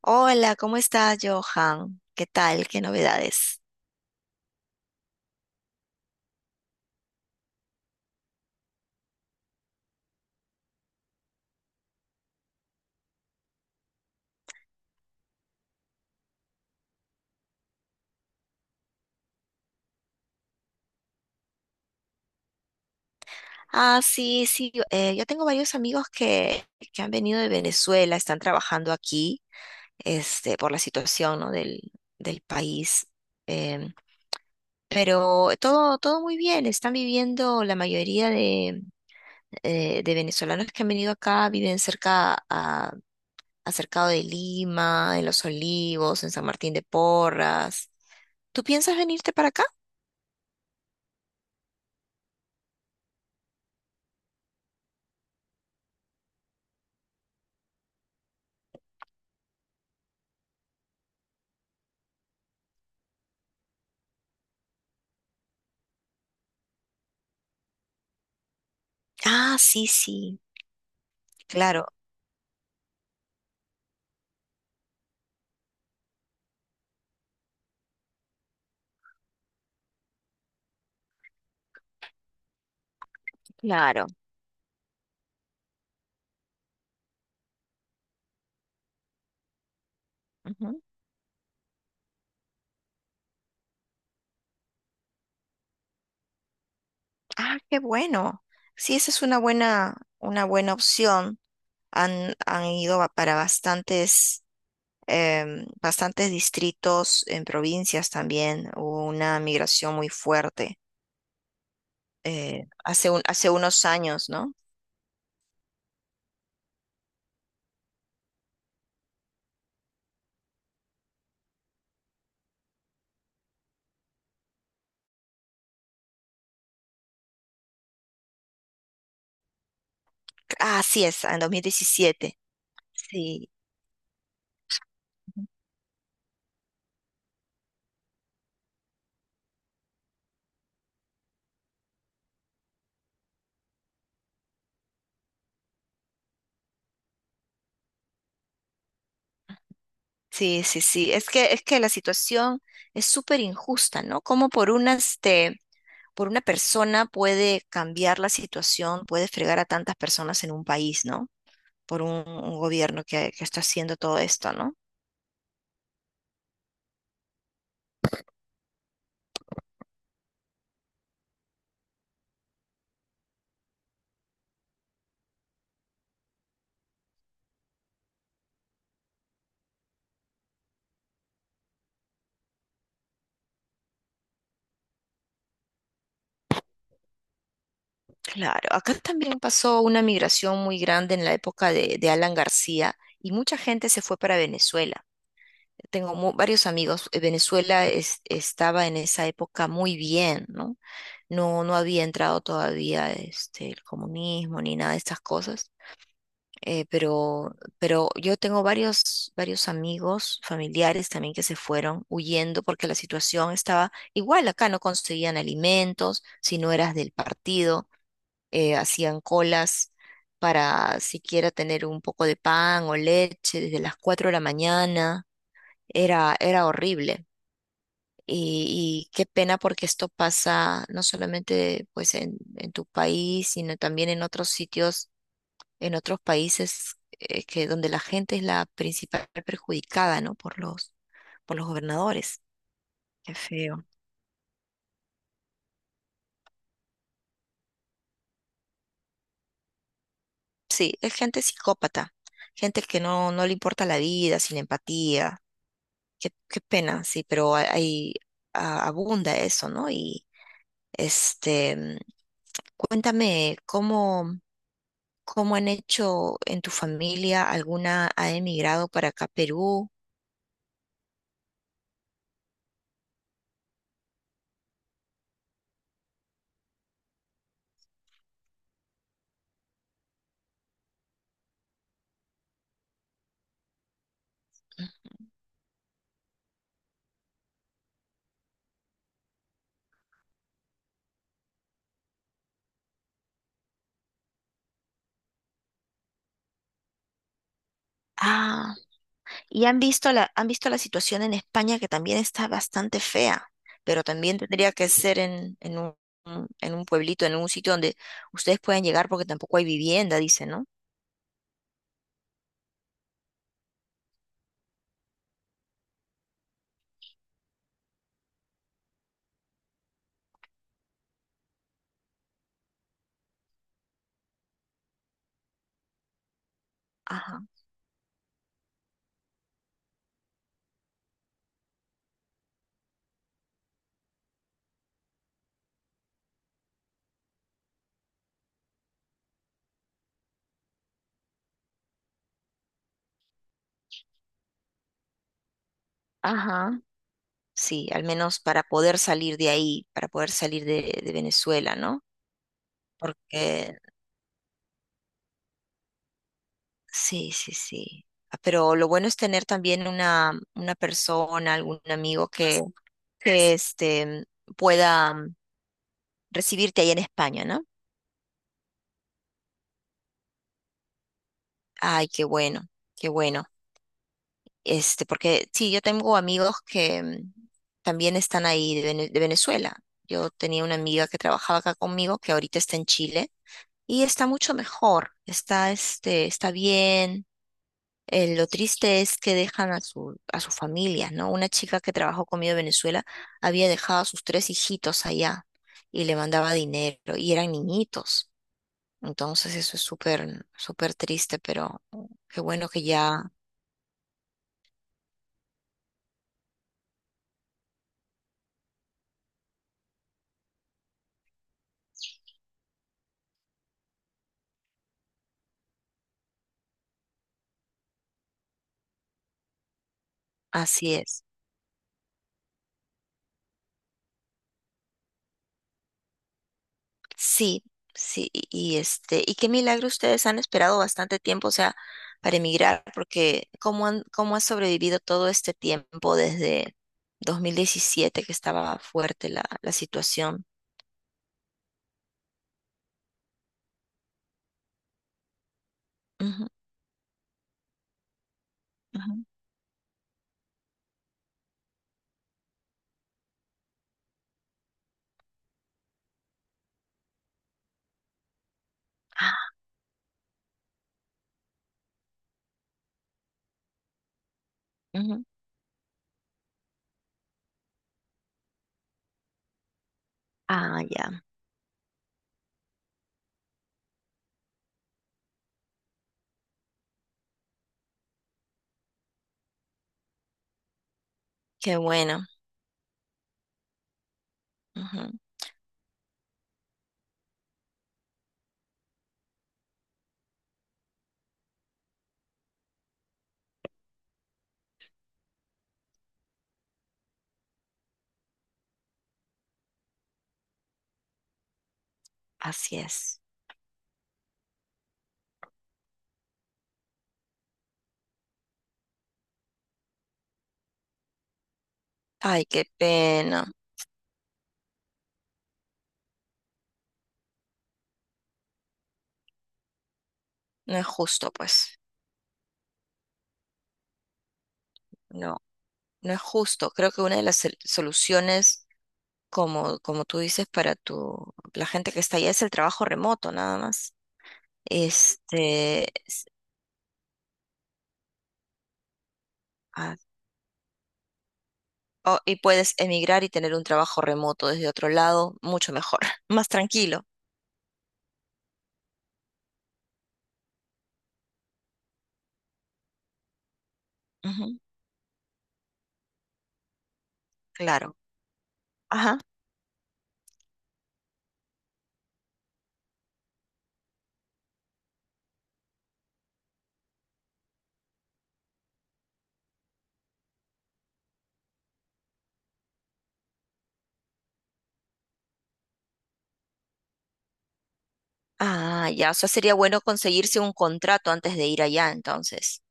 Hola, ¿cómo estás, Johan? ¿Qué tal? ¿Qué novedades? Ah, sí, sí, yo, yo tengo varios amigos que han venido de Venezuela, están trabajando aquí, este, por la situación, ¿no? Del país. Em, pero todo muy bien, están viviendo, la mayoría de venezolanos que han venido acá viven cerca a, acercado de Lima, en Los Olivos, en San Martín de Porras. ¿Tú piensas venirte para acá? Ah, sí, sí, claro. Claro. Ujú. Ah, qué bueno. Sí, esa es una buena opción. Han ido para bastantes, bastantes distritos en provincias también. Hubo una migración muy fuerte hace hace unos años, ¿no? Ah, así es, en 2017. Sí. Ujú. Sí, sí, sí. Es que la situación es súper injusta, ¿no? Como por una, este, por una persona puede cambiar la situación, puede fregar a tantas personas en un país, ¿no? Por un gobierno que está haciendo todo esto, ¿no? Claro. Acá también pasó una migración muy grande en la época de Alan García y mucha gente se fue para Venezuela. Tengo varios amigos. Venezuela estaba en esa época muy bien, ¿no? No, no había entrado todavía este, el comunismo ni nada de estas cosas. Pero yo tengo varios amigos, familiares también que se fueron huyendo porque la situación estaba igual. Acá no conseguían alimentos, si no eras del partido, hacían colas para siquiera tener un poco de pan o leche desde las 4 de la mañana. Era horrible. Y qué pena porque esto pasa no solamente pues en tu país, sino también en otros sitios, en otros países que donde la gente es la principal perjudicada, ¿no? Por por los gobernadores. Qué feo. Sí, es gente psicópata, gente que no, no le importa la vida, sin empatía. Qué pena, sí, pero abunda eso, ¿no? Y este, cuéntame cómo. ¿Cómo han hecho en tu familia? ¿Alguna ha emigrado para acá a Perú? Ah, y han visto han visto la situación en España que también está bastante fea, pero también tendría que ser en un pueblito, en un sitio donde ustedes puedan llegar porque tampoco hay vivienda, dice, ¿no? Ajá, ajá, sí, al menos para poder salir de ahí, para poder salir de Venezuela, ¿no? Porque sí, sí, sí. Ah, pero lo bueno es tener también una persona, algún amigo que este, pueda recibirte ahí en España, ¿no? Ay, qué bueno, qué bueno. Este, porque sí, yo tengo amigos que también están ahí de, de Venezuela. Yo tenía una amiga que trabajaba acá conmigo, que ahorita está en Chile, y está mucho mejor, está, este, está bien. Lo triste es que dejan a su, a sus familias, ¿no? Una chica que trabajó conmigo en Venezuela había dejado a sus tres hijitos allá y le mandaba dinero y eran niñitos. Entonces eso es súper triste, pero qué bueno que ya así es. Sí, sí, y este, y qué milagro ustedes han esperado bastante tiempo, o sea, para emigrar, porque ¿cómo han, cómo ha sobrevivido todo este tiempo desde 2017 que estaba fuerte la, la situación? Ujú. Ah, ujú. Ah, ya, qué bueno. Ujú, así es. Ay, qué pena. No es justo, pues. No, no es justo. Creo que una de las soluciones, como, como tú dices, para tu, la gente que está allá es el trabajo remoto, nada más. Este, ah, oh, y puedes emigrar y tener un trabajo remoto desde otro lado, mucho mejor, más tranquilo. Ujú, claro. Ajá. Ah, ya. O sea, sería bueno conseguirse un contrato antes de ir allá, entonces.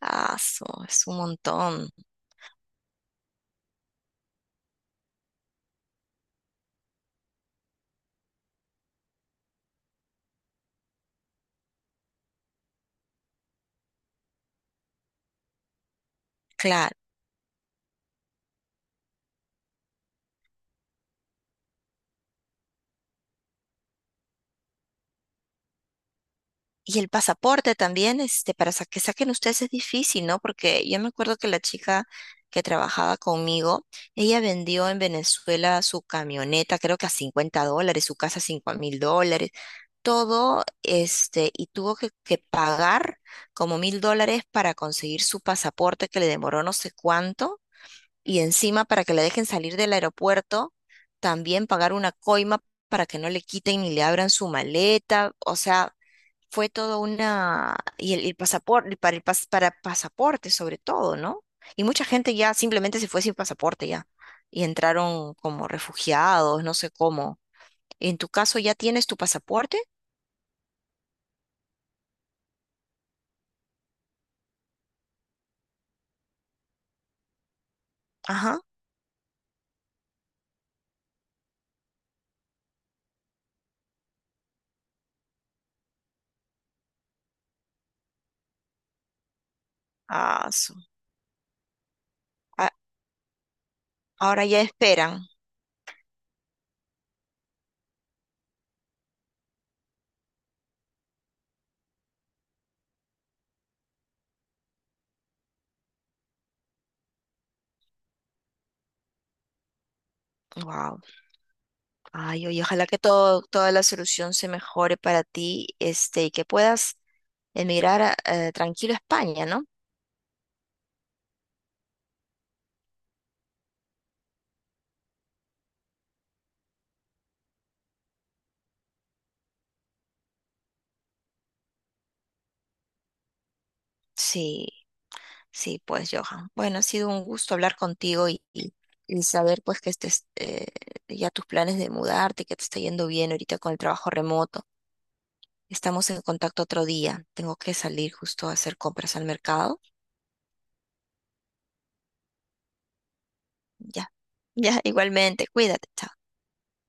Es un montón, claro. Y el pasaporte también, este, para que saquen ustedes es difícil, ¿no? Porque yo me acuerdo que la chica que trabajaba conmigo, ella vendió en Venezuela su camioneta, creo que a $50, su casa a $5000, todo, este, y tuvo que pagar como $1000 para conseguir su pasaporte que le demoró no sé cuánto y encima para que la dejen salir del aeropuerto, también pagar una coima para que no le quiten ni le abran su maleta, o sea, fue todo una... y el, pasaporte, para, el pas- para pasaporte sobre todo, ¿no? Y mucha gente ya simplemente se fue sin pasaporte ya, y entraron como refugiados, no sé cómo. En tu caso ya tienes tu pasaporte, ajá, ah, su- a- ahora ya esperan. Wow. Ay, oye, ojalá que todo, toda la solución se mejore para ti, este, y que puedas emigrar tranquilo a España, ¿no? Sí, sí, pues, Johan. Bueno, ha sido un gusto hablar contigo y saber, pues, que estés, ya tus planes de mudarte, que te está yendo bien ahorita con el trabajo remoto. Estamos en contacto otro día. Tengo que salir justo a hacer compras al mercado. Ya, ya, igualmente. Cuídate, chao.